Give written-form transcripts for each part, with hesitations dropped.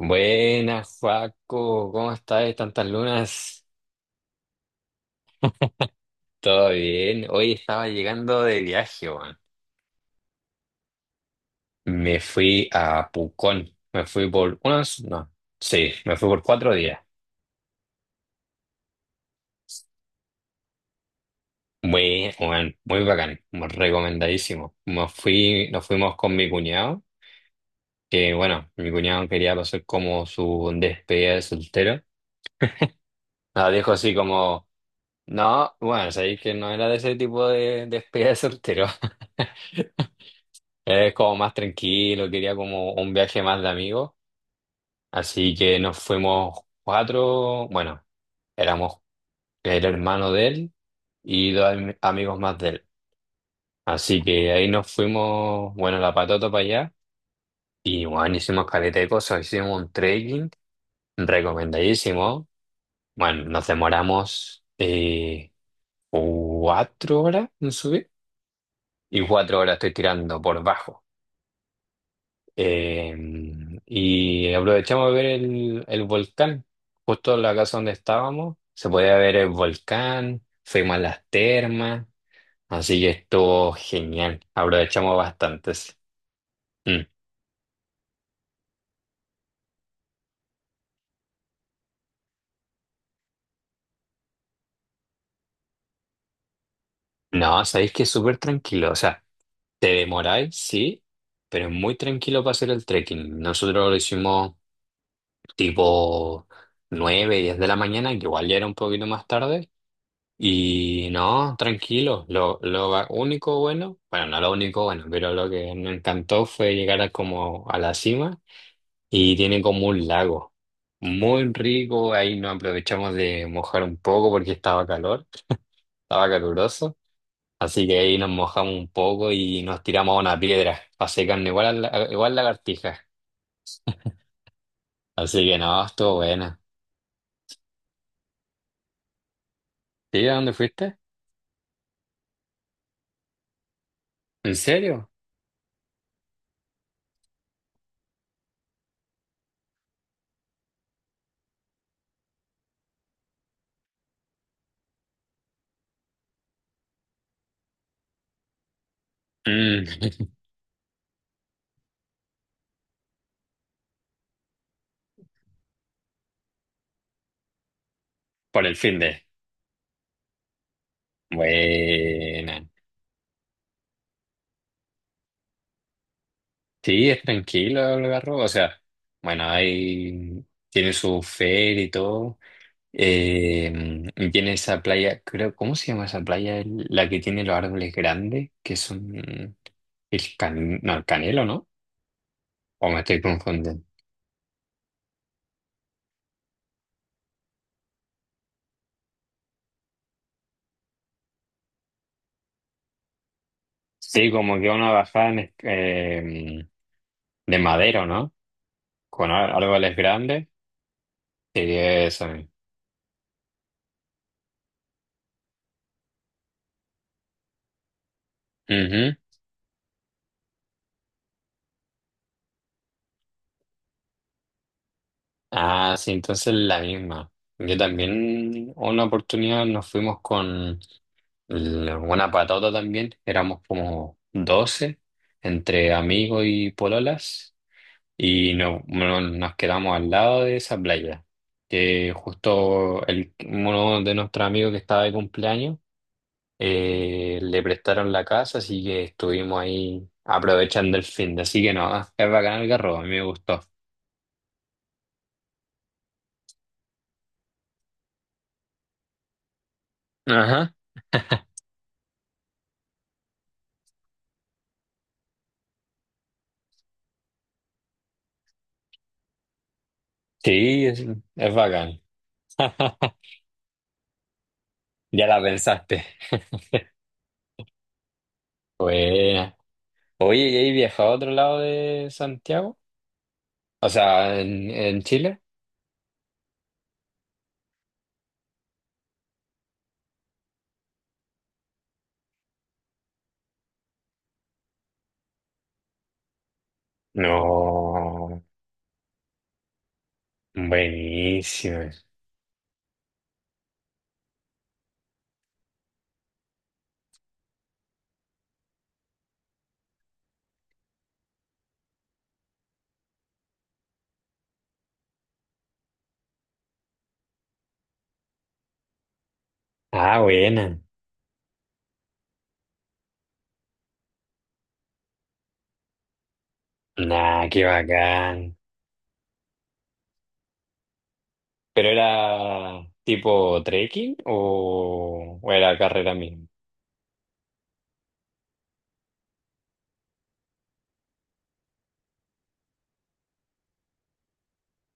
Buenas, Joaco, ¿cómo estás? Tantas lunas. ¿Todo bien? Hoy estaba llegando de viaje, weón. Me fui a Pucón. Me fui por unos, no, sí, me fui por 4 días. Muy, weón, muy bacán, muy recomendadísimo. Me fui, nos fuimos con mi cuñado, que bueno, mi cuñado quería pasar como su despedida de soltero. Nos dijo así como, no, bueno, sabéis que no era de ese tipo de despedida de soltero. Es como más tranquilo, quería como un viaje más de amigos. Así que nos fuimos cuatro, bueno, éramos el hermano de él y dos amigos más de él. Así que ahí nos fuimos, bueno, a la patota para allá. Y bueno, hicimos caleta de cosas, hicimos un trekking recomendadísimo. Bueno, nos demoramos 4 horas en subir y 4 horas estoy tirando por bajo. Eh, y aprovechamos de ver el volcán, justo en la casa donde estábamos, se podía ver el volcán, fuimos a las termas, así que estuvo genial, aprovechamos bastantes. Mm. No, sabéis que es súper tranquilo, o sea, te demoráis, sí, pero es muy tranquilo para hacer el trekking. Nosotros lo hicimos tipo 9 10 de la mañana, que igual ya era un poquito más tarde. Y no, tranquilo. Lo único bueno, bueno, no lo único bueno, pero lo que me encantó fue llegar a como a la cima y tiene como un lago muy rico. Ahí nos aprovechamos de mojar un poco porque estaba calor, estaba caluroso. Así que ahí nos mojamos un poco y nos tiramos a una piedra para secarnos igual, igual lagartija. Así que no, estuvo buena. ¿Sí? ¿A dónde fuiste? ¿En serio? Mm. Por el fin de... Buena. Sí, es tranquilo el Algarrobo, o sea, bueno, ahí tiene su feria y todo. Eh, y tiene esa playa, creo, ¿cómo se llama esa playa? La que tiene los árboles grandes, que son el can, no, el canelo, ¿no? O me estoy confundiendo. Sí, como que una bajada en de madero, ¿no? Con árboles grandes. Sí, eso mismo. Ujú. Ah, sí, entonces la misma. Yo también, una oportunidad nos fuimos con la buena patata también, éramos como 12 entre amigos y pololas y no, nos quedamos al lado de esa playa, que justo el, uno de nuestros amigos que estaba de cumpleaños le prestaron la casa, así que estuvimos ahí aprovechando el fin de, así que no, es bacán el carro, a mí me gustó. Ajá, sí, es bacán. Ya la pensaste. Buena. Oye, ¿y has viajado a otro lado de Santiago? O sea, en Chile. No, buenísimo. Ah, buena. Nah, qué bacán. ¿Pero era tipo trekking o era carrera misma?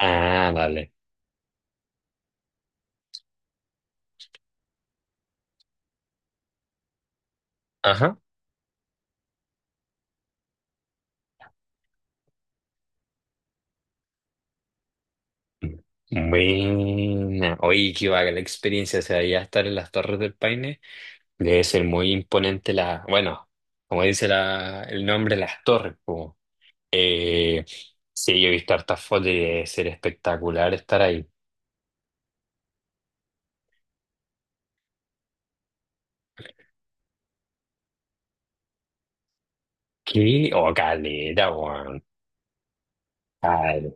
Ah, vale. Ajá. Buena. Oye, qué bacán la experiencia. O sea, ya estar en las Torres del Paine debe ser muy imponente la... Bueno, como dice la, el nombre, las torres. Como. Eh, sí, yo he visto hartas fotos y debe ser espectacular estar ahí. ¿Qué? Oh, caleta, weón. Cal-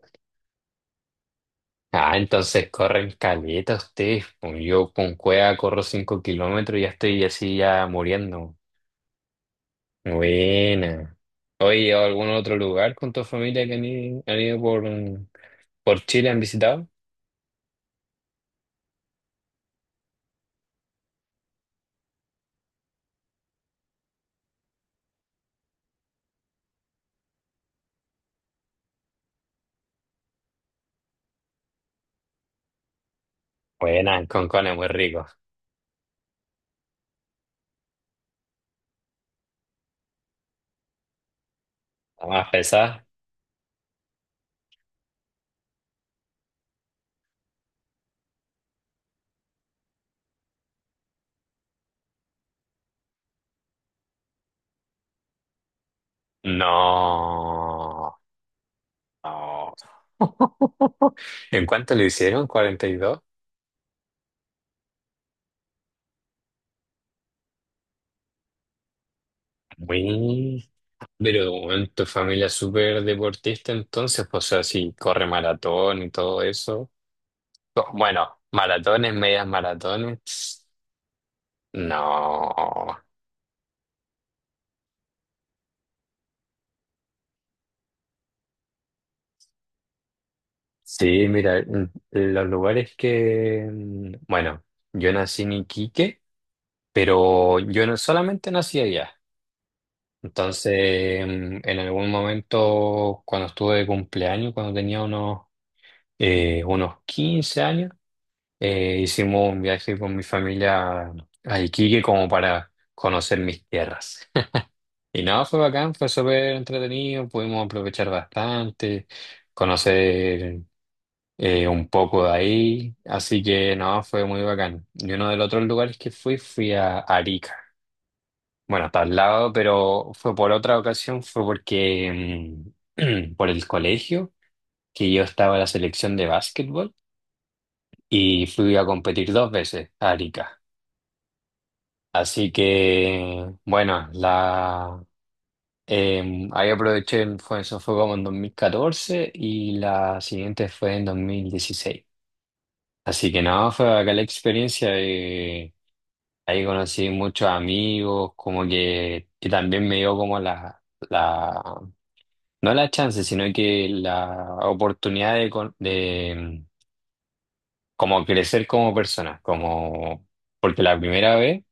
Ah, entonces corren caleta ustedes, pues. Yo con cueva corro 5 kilómetros y ya estoy así ya muriendo. Buena. Oye, ¿a algún otro lugar con tu familia que han ido, han ido por Chile, han visitado? Buena, en Concón es muy rico. ¿La más pesada? No. No. ¿En cuánto lo hicieron? 42. Muy. Pero bueno, tu familia es súper deportista entonces, pues, o sea, si corre maratón y todo eso. Co- bueno, maratones, medias maratones. Tss. No. Sí, mira, los lugares que... Bueno, yo nací en Iquique, pero yo no solamente nací allá. Entonces, en algún momento, cuando estuve de cumpleaños, cuando tenía unos 15 años, hicimos un viaje con mi familia a Iquique como para conocer mis tierras. Y nada, fue bacán, fue súper entretenido, pudimos aprovechar bastante, conocer un poco de ahí, así que no, fue muy bacán. Y uno de los otros lugares que fui, fui a Arica. Bueno, está al lado, pero fue por otra ocasión, fue porque por el colegio, que yo estaba en la selección de básquetbol y fui a competir dos veces a Arica. Así que, bueno, la, ahí aproveché, fue, eso fue como en 2014 y la siguiente fue en 2016. Así que nada, fue acá la experiencia. Ahí conocí muchos amigos, como que también me dio como la, no la chance, sino que la oportunidad de, como crecer como persona, como, porque la primera vez...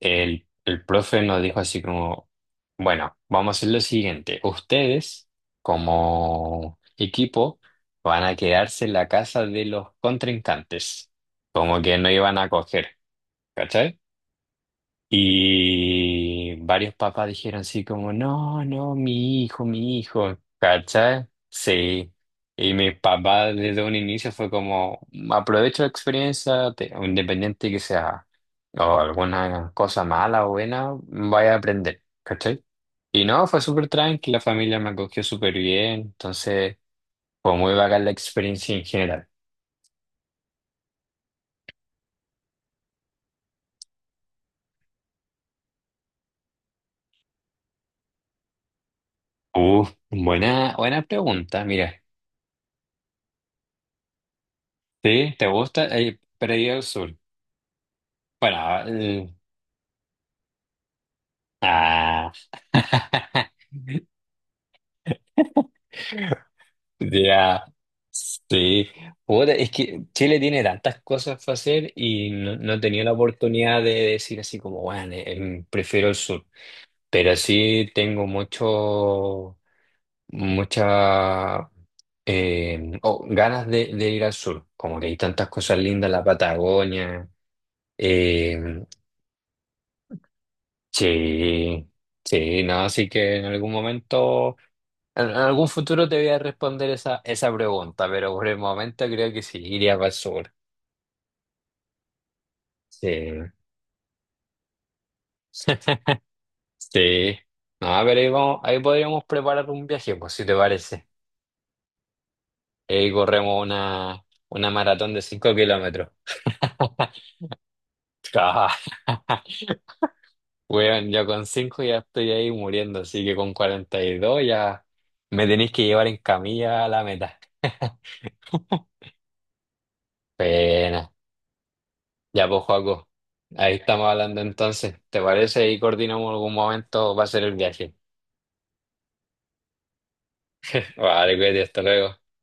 El profe nos dijo así como, bueno, vamos a hacer lo siguiente. Ustedes, como equipo, van a quedarse en la casa de los contrincantes. Como que no iban a coger, ¿cachai? Y varios papás dijeron así como, no, no, mi hijo, ¿cachai? Sí. Y mi papá desde un inicio fue como, aprovecho la experiencia, te- independiente que sea o alguna cosa mala o buena, vaya a aprender, ¿cachai? Y no, fue súper tranquila, la familia me acogió súper bien, entonces fue muy bacán la experiencia en general. Buena, buena pregunta, mira. ¿Sí? ¿Te gusta? Pero yo al sur. Bueno, ah, ya, sí. Puta, es que Chile tiene tantas cosas para hacer y no, no he tenido la oportunidad de decir así como, bueno, prefiero el sur. Pero sí tengo mucho, mucha oh, ganas de ir al sur. Como que hay tantas cosas lindas, la Patagonia. eh, sí, sí, no, así que en algún momento. En algún futuro te voy a responder esa pregunta, pero por el momento creo que sí, iría para el sur. Sí. Sí. No, pero ahí, vamos- ahí podríamos preparar un viaje, pues, si te parece. Ahí corremos una maratón de 5 kilómetros. Ah, weón, yo con 5 ya estoy ahí muriendo, así que con 42 ya me tenéis que llevar en camilla a la meta. Pena. Ya, pues, Joaco, ahí estamos hablando entonces. ¿Te parece? Y coordinamos algún momento, va a ser el viaje. Vale, cuídate, hasta luego.